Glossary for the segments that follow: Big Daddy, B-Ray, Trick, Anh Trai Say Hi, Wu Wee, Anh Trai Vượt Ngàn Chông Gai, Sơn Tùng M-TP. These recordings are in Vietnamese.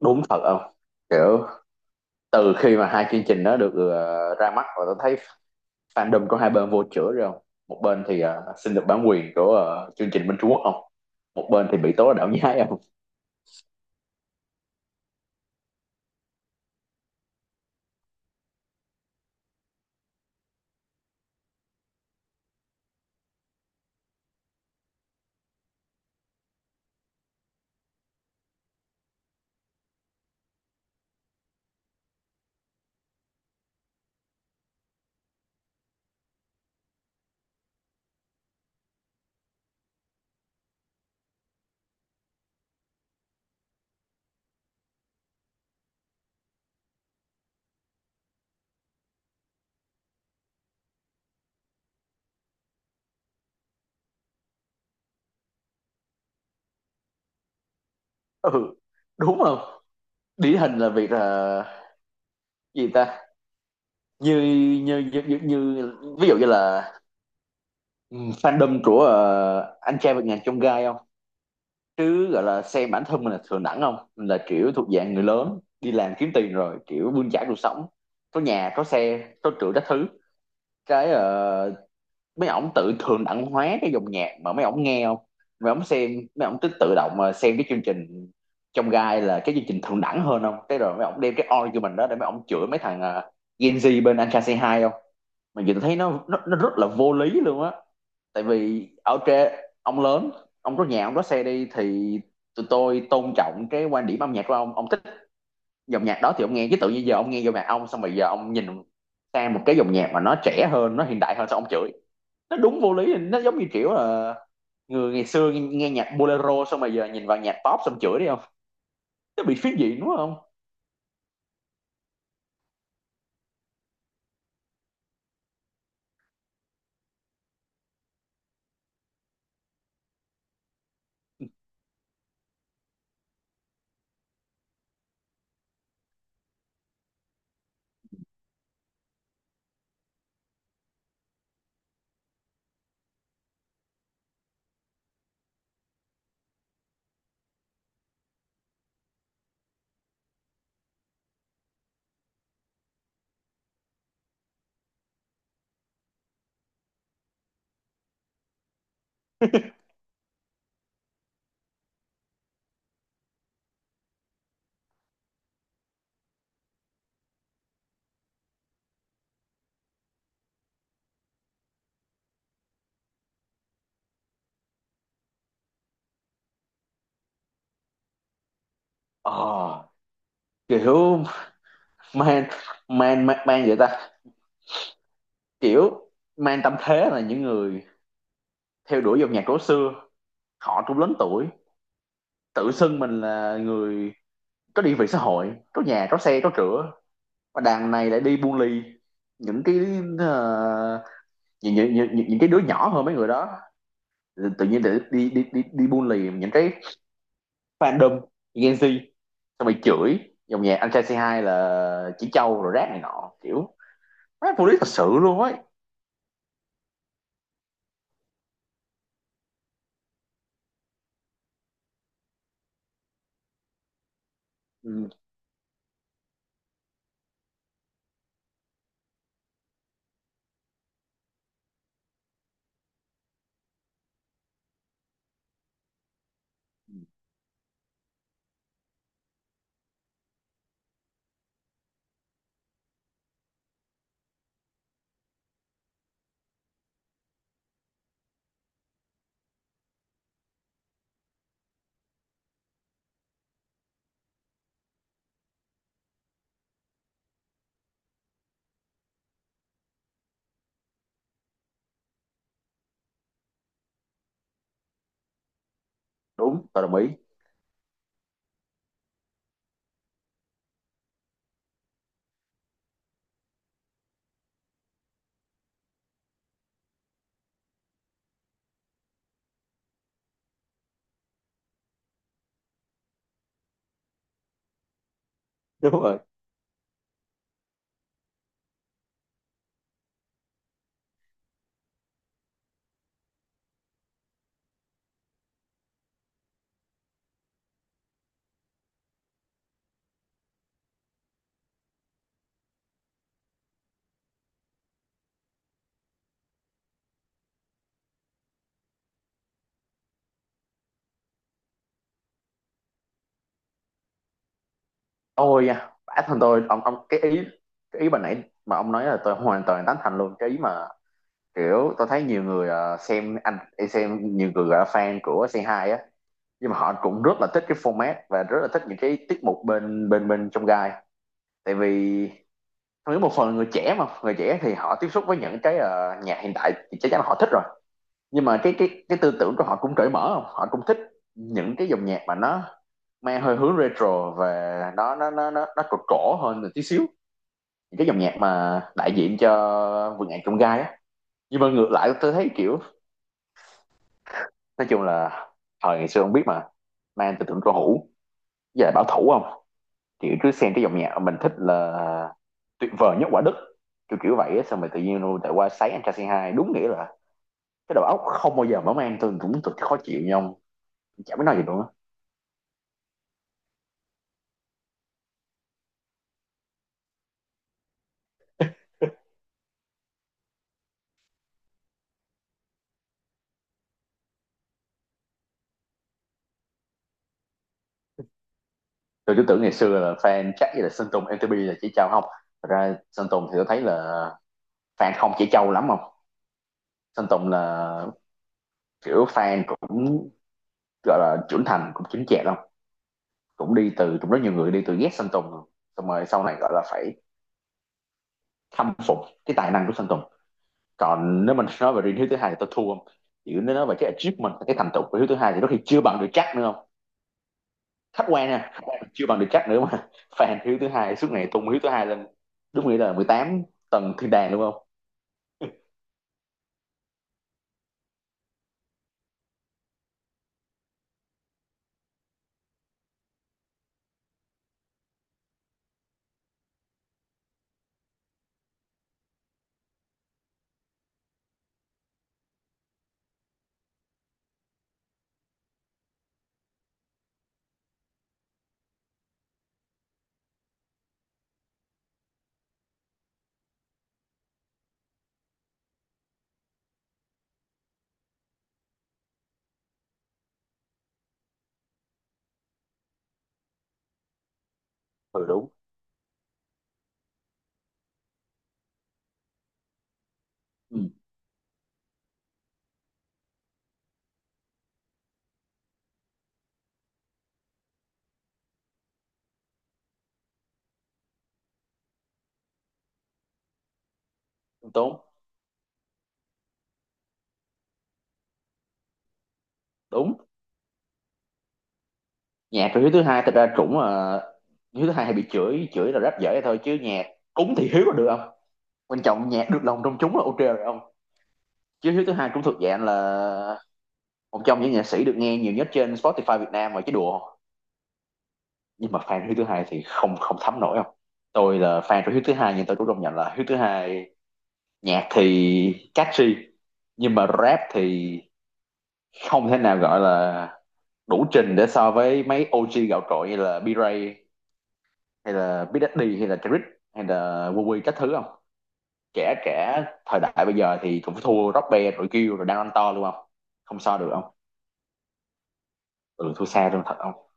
Đúng thật không? Kiểu từ khi mà hai chương trình nó được ra mắt và tôi thấy fandom của hai bên vô chữa rồi không, một bên thì xin được bản quyền của chương trình bên Trung Quốc không, một bên thì bị tố là đạo nhái không. Ừ, đúng không? Điển hình là việc là gì ta, như như ví dụ như là, ừ, fandom của anh trai vượt ngàn chông gai không, chứ gọi là xem bản thân mình là thường đẳng không, mình là kiểu thuộc dạng người lớn đi làm kiếm tiền rồi kiểu bươn chải cuộc sống, có nhà có xe có cửa các thứ. cái ờ, mấy ổng tự thường đẳng hóa cái dòng nhạc mà mấy ổng nghe không, mấy ổng xem, mấy ổng cứ tự động mà xem cái chương trình trong gai là cái chương trình thượng đẳng hơn không, cái rồi mấy ổng đem cái oi của mình đó để mấy ổng chửi mấy thằng Gen Z bên Anh Trai Say Hi không. Mà nhìn thấy nó rất là vô lý luôn á. Tại vì ở trên, ông lớn, ông có nhà ông có xe đi thì tụi tôi tôn trọng cái quan điểm âm nhạc của ông. Ông thích dòng nhạc đó thì ông nghe, chứ tự nhiên giờ ông nghe dòng nhạc ông xong rồi giờ ông nhìn sang một cái dòng nhạc mà nó trẻ hơn nó hiện đại hơn sao ông chửi? Nó đúng vô lý, nó giống như kiểu là người ngày xưa nghe, nghe nhạc bolero xong rồi giờ nhìn vào nhạc pop xong chửi đi không. Nó bị phiến diện đúng không? Ờ, kiểu man man man man vậy ta, kiểu man tâm thế là những người theo đuổi dòng nhạc cổ xưa, họ cũng lớn tuổi, tự xưng mình là người có địa vị xã hội có nhà có xe có cửa, và đàn này lại đi buôn ly những ờ, những cái đứa nhỏ hơn mấy người đó. Tự nhiên để đi đi đi đi buôn lì những cái fandom Gen Z xong rồi chửi dòng nhạc anh trai C2 là chỉ trâu rồi rác này nọ, kiểu mấy phụ lý thật sự luôn ấy. Ừ, đúng tôi đồng ý. Đúng rồi. Tôi da, bản thân tôi, ông cái ý, cái ý bà nãy mà ông nói là tôi hoàn toàn tán thành luôn. Cái ý mà kiểu tôi thấy nhiều người xem nhiều người gọi là fan của c hai á, nhưng mà họ cũng rất là thích cái format và rất là thích những cái tiết mục bên bên bên trong gai. Tại vì tôi nghĩ một phần là người trẻ, mà người trẻ thì họ tiếp xúc với những cái nhạc hiện tại thì chắc chắn là họ thích rồi. Nhưng mà cái cái tư tưởng của họ cũng cởi mở không, họ cũng thích những cái dòng nhạc mà nó mang hơi hướng retro và nó cổ cổ hơn một tí xíu, cái dòng nhạc mà đại diện cho vườn ngàn chông gai á. Nhưng mà ngược lại tôi thấy kiểu, nói chung là thời ngày xưa không biết mà nay anh tưởng cổ hữu, giờ bảo thủ không, kiểu cứ xem cái dòng nhạc mình thích là tuyệt vời nhất quả đất, kiểu kiểu vậy á. Xong rồi tự nhiên luôn tại qua sấy anh trai say hai đúng nghĩa là cái đầu óc không bao giờ mở mang, tôi cũng tôi khó chịu nhau ông. Chả biết nói gì luôn á. Tôi cứ tưởng ngày xưa là fan chắc như là sơn tùng mtp là chỉ trao không. Thật ra sơn tùng thì tôi thấy là fan không chỉ trâu lắm không. Sơn Tùng là kiểu fan cũng gọi là trưởng thành cũng chính chẹn không, cũng đi từ cũng rất nhiều người đi từ ghét Sơn Tùng xong rồi sau này gọi là phải khâm phục cái tài năng của Sơn Tùng. Còn nếu mình nói về riêng Hiếu thứ hai thì tôi thua không, chỉ nếu nói về cái achievement cái thành tựu của Hiếu thứ hai thì có khi chưa bằng được chắc nữa không. Khách quan nha, chưa bằng được chắc nữa mà fan Hiếu thứ hai suốt ngày tung Hiếu thứ hai lên đúng nghĩa là 18 tầng thiên đàng đúng không. Ừ, đúng. Ừ, tốn đúng. Nhạc của Hiếu thứ hai thật ra cũng Hiếu thứ hai hay bị chửi, chửi là rất dễ thôi chứ nhạc cúng thì Hiếu là được không, quan trọng nhạc được lòng công chúng là ok rồi ông. Chứ thứ thứ hai cũng thuộc dạng là một trong những nhạc sĩ được nghe nhiều nhất trên Spotify Việt Nam mà chứ đùa. Nhưng mà fan thứ thứ hai thì không, thấm nổi không. Tôi là fan của thứ thứ hai nhưng tôi cũng công nhận là thứ thứ hai nhạc thì catchy nhưng mà rap thì không thể nào gọi là đủ trình để so với mấy OG gạo cội như là B-Ray hay là Big Daddy hay là Trick hay là Wu Wee các thứ không. Trẻ Trẻ thời đại bây giờ thì cũng thua Rock Band rồi, kêu rồi đang ăn to luôn không, không so được không. Ừ thua xa luôn thật không.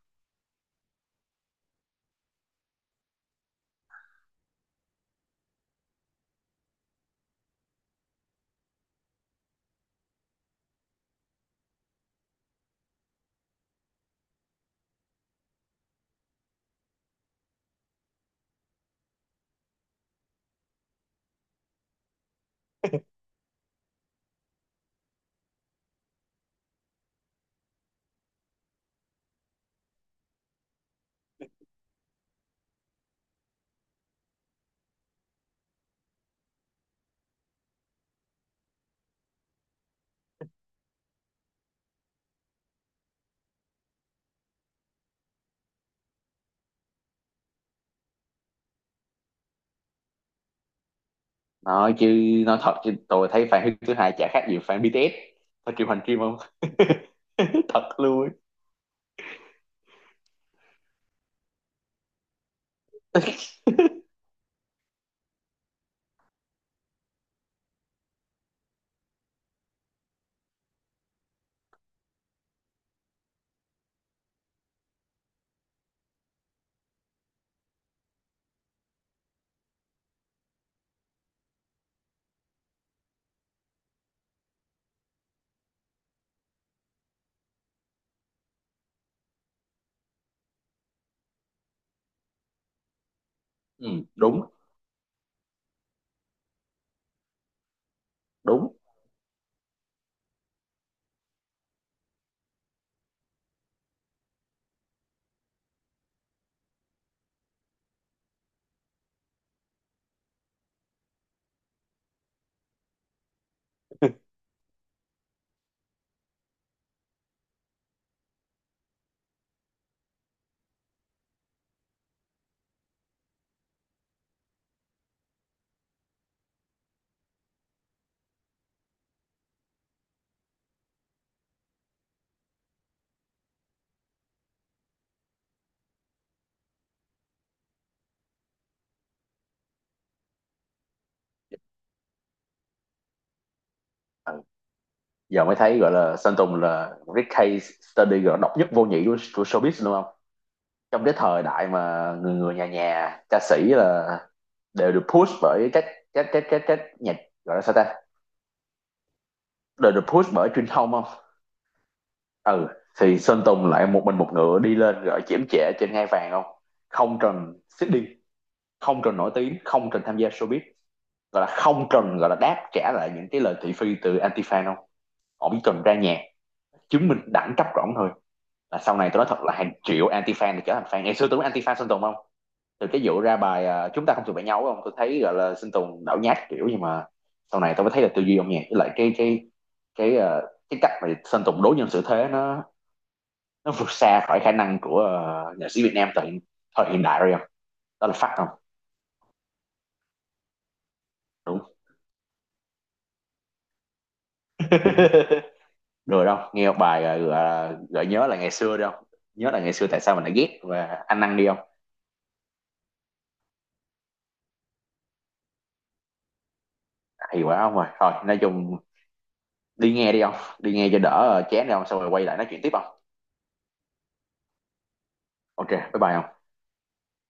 nói chứ nói thật chứ tôi thấy fan thứ hai chả khác gì fan BTS. Thôi triệu hành kim không. Thật luôn. Ừ, đúng. Đúng. Ừ, giờ mới thấy gọi là Sơn Tùng là một cái case study gọi độc nhất vô nhị của showbiz luôn không. Trong cái thời đại mà người người nhà nhà ca sĩ là đều được push bởi các nhạc, gọi là sao ta, đều được push bởi truyền thông không. Ừ, thì Sơn Tùng lại một mình một ngựa đi lên gọi chiếm trẻ trên ngai vàng không, không trần seeding, không cần nổi tiếng, không cần tham gia showbiz, gọi là không cần gọi là đáp trả lại những cái lời thị phi từ anti fan không. Họ chỉ cần ra nhạc chứng minh đẳng cấp của ổng thôi. Là sau này tôi nói thật là hàng triệu anti fan thì trở thành fan. Ngày xưa tôi có anti fan Sơn Tùng không, từ cái vụ ra bài, chúng ta không thuộc về nhau không, tôi thấy gọi là Sơn Tùng đảo nhát kiểu. Nhưng mà sau này tôi mới thấy là tư duy âm nhạc với lại cái à, cái cách mà Sơn Tùng đối nhân xử thế nó, vượt xa khỏi khả năng của nhạc sĩ Việt Nam thời thời hiện đại rồi không. Đó là phát không. Đúng. Rồi đâu nghe một bài gọi gợi nhớ là ngày xưa, đâu nhớ là ngày xưa tại sao mình lại ghét và anh ăn đi không. Thì quá không, rồi thôi nói chung đi nghe đi không, đi nghe cho đỡ chén chán đi không, xong rồi quay lại nói chuyện tiếp không. Ok bye bye không.